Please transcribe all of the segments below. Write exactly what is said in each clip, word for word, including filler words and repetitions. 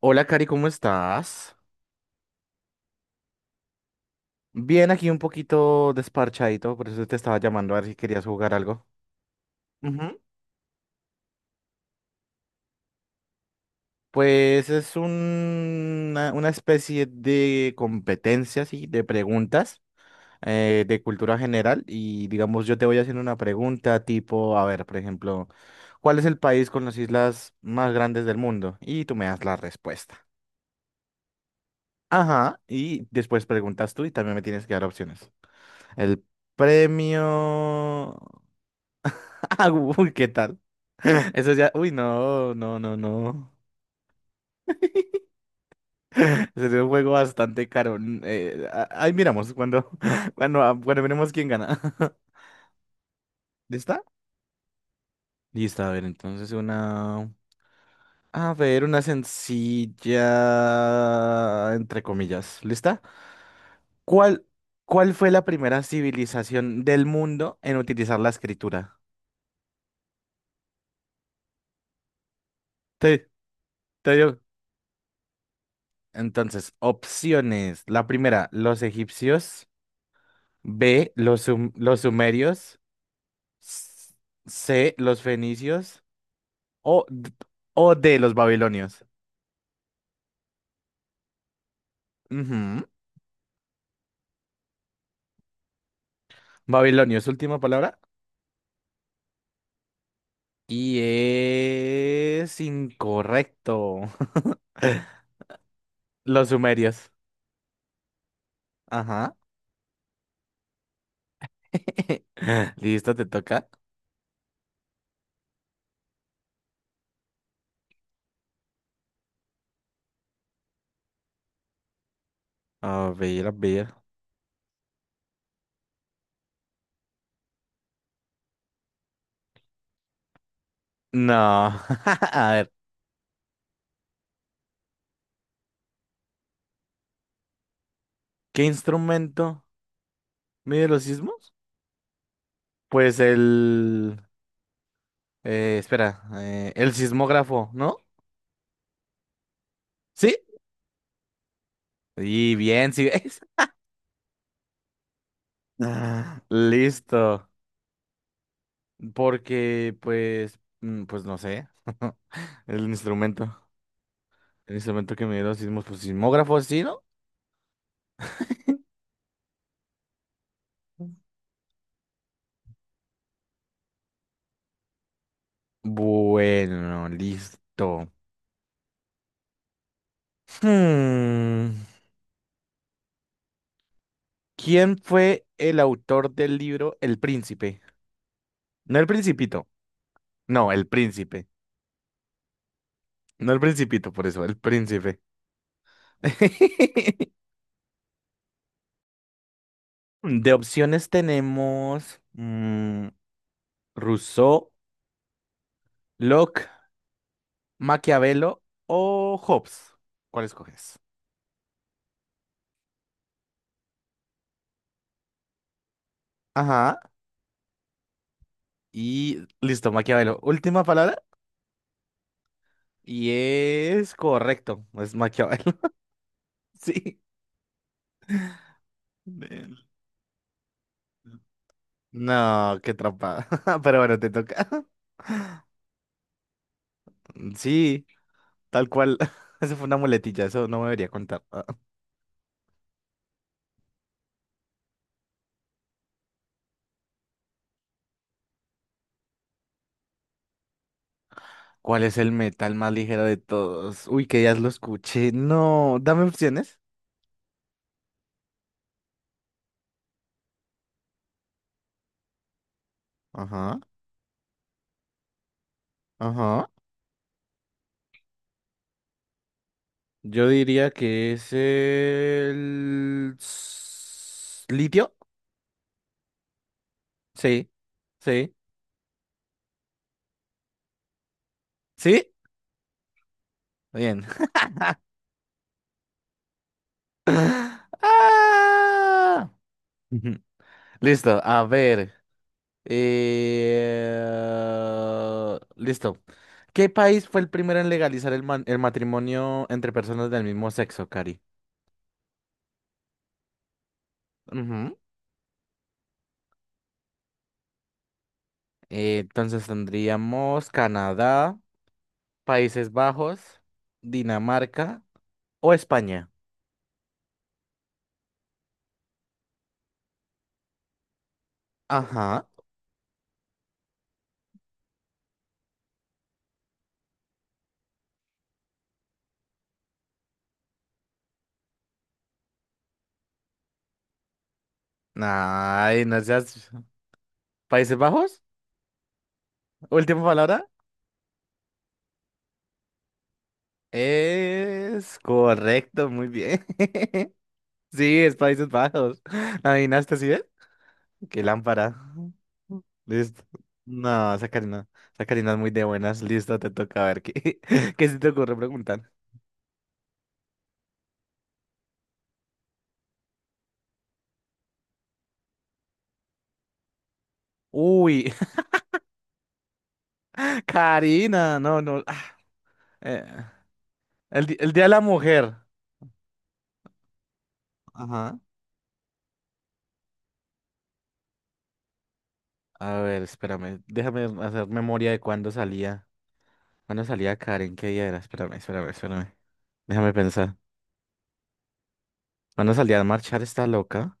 Hola, Cari, ¿cómo estás? Bien, aquí un poquito desparchadito, por eso te estaba llamando a ver si querías jugar algo. Ujú. Pues es un- una, una especie de competencia, sí, de preguntas eh, de cultura general y digamos yo te voy haciendo una pregunta tipo, a ver, por ejemplo, ¿cuál es el país con las islas más grandes del mundo? Y tú me das la respuesta. Ajá, y después preguntas tú y también me tienes que dar opciones. El premio. Ah, uy, ¿qué tal? Eso ya, uy, no, no, no, no. Ese es un juego bastante caro. N- eh, a- ahí miramos cuando, cuando, ah, cuando veremos quién gana. ¿Lista? Lista, a ver, entonces una, a ver, una sencilla, entre comillas, ¿lista? ¿Cuál, cuál fue la primera civilización del mundo en utilizar la escritura? Te, te digo. Entonces, opciones. La primera, los egipcios. B, los, sum- los sumerios. S- C, los fenicios o, d- o D, los babilonios. Ujú. Babilonios, última palabra. Y es incorrecto. Los sumerios. Ajá. Listo, te toca. A ver, a ver. No. A ver, ¿qué instrumento mide los sismos? Pues el... eh, espera, eh, el sismógrafo, ¿no? ¿Sí? Y bien, sí ves. Listo. Porque, pues, mm, pues no sé. El instrumento. El instrumento que me dieron sismos, pues sismógrafo, ¿sí, no? Bueno, listo. Hmm, ¿Quién fue el autor del libro El Príncipe? No el Principito. No, el Príncipe. No el Principito, por eso, el Príncipe. De opciones tenemos mm, Rousseau, Locke, Maquiavelo o Hobbes. ¿Cuál escoges? Ajá. Y listo, Maquiavelo. Última palabra. Y es correcto. Es Maquiavelo. Sí. Del- No, qué trampa. Pero bueno, te toca. Sí, tal cual. Eso fue una muletilla, eso no me debería contar. ¿Cuál es el metal más ligero de todos? Uy, que ya lo escuché. No, dame opciones. Ajá, ajá. Yo diría que es el s- litio. Sí, sí, sí. Bien. Ah. Ujú. Listo, a ver. eh, Listo. ¿Qué país fue el primero en legalizar el, man- el matrimonio entre personas del mismo sexo, Cari? Ujú. Eh, entonces tendríamos Canadá, Países Bajos, Dinamarca o España. Ajá. Ay, no seas... ¿Países Bajos? Última palabra. Es correcto, muy bien. Sí, es Países Bajos. ¿Adivinaste así, eh? Qué lámpara. Listo. No, esa Karina, esa Karina es muy de buenas. Listo, te toca a ver qué, qué se te ocurre preguntar. Uy, Karina, no, no. ah, eh, el, di- el Día de la Mujer. Ajá. A ver, espérame. Déjame hacer memoria de cuándo salía. ¿Cuándo salía Karen? ¿Qué día era? Espérame, espérame, espérame. Déjame pensar. ¿Cuándo salía a marchar esta loca?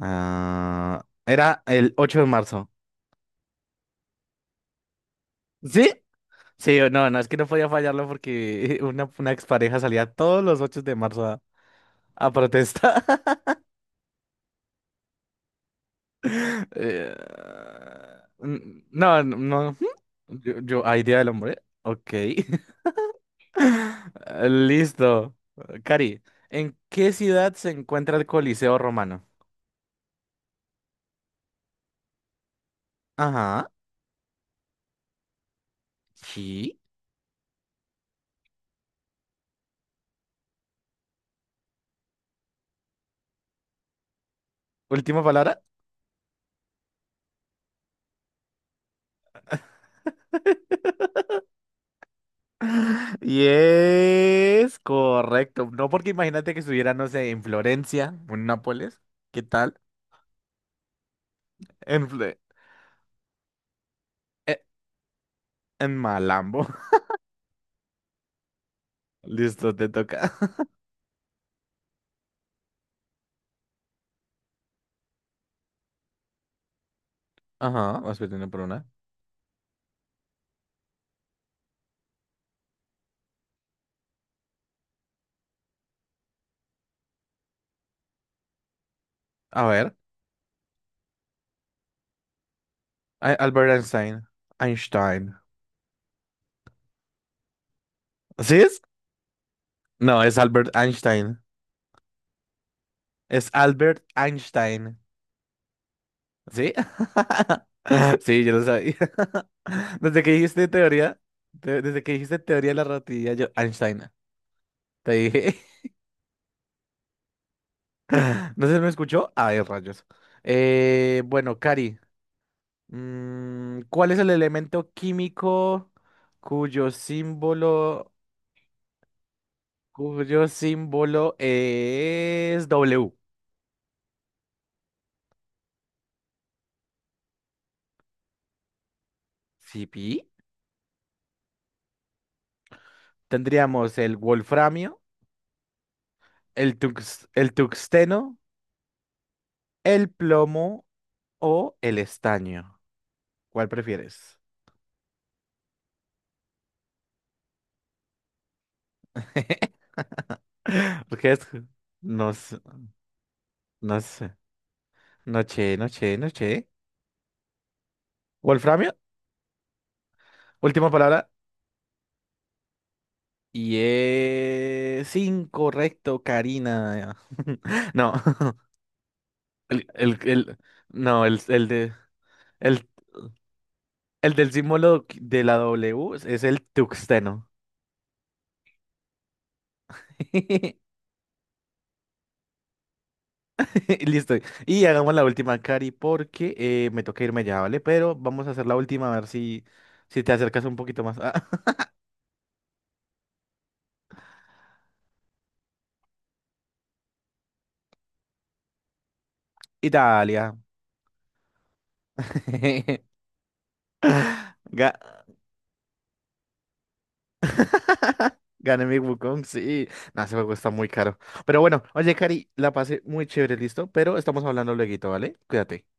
Ah, era el ocho de marzo. ¿Sí? Sí, o no, no, es que no podía fallarlo porque una, una expareja salía todos los ocho de marzo a, a protestar. Eh, n- no, no, no. Yo, yo, ah, idea del hombre. Ok. Listo. Cari, ¿en qué ciudad se encuentra el Coliseo Romano? Ajá. Sí. Última palabra. Y es correcto. No, porque imagínate que estuviera, no sé, en Florencia o en Nápoles. ¿Qué tal? En Florencia. En Malambo. Listo, te toca. Ajá, vas perdiendo por una. A ver. Ay, Albert Einstein. Einstein. ¿Sí es? No, es Albert Einstein. Es Albert Einstein. ¿Sí? Sí, yo lo sabía. Desde que dijiste teoría, te- desde que dijiste teoría de la relatividad, yo, Einstein, te dije. No sé si me escuchó. Ay, rayos. Eh, bueno, Cari, mm, ¿cuál es el elemento químico cuyo símbolo cuyo símbolo es W? Sí, pi. Tendríamos el wolframio, el tux- el tuxteno, el plomo o el estaño. ¿Cuál prefieres? Porque es... No sé, no sé. Noche, noche, noche. Wolframio, última palabra. Y es incorrecto, Karina. No, el, el, el- no, el, el de, el El del símbolo de la W es es el tuxteno. Listo. Y hagamos la última, Cari, porque eh, me toca irme ya, ¿vale? Pero vamos a hacer la última, a ver si, si te acercas un poquito más. Ah, Italia. Ga- gané mi Wukong, sí. No, ese juego está muy caro. Pero bueno, oye, Cari, la pasé muy chévere, listo. Pero estamos hablando lueguito, ¿vale? Cuídate.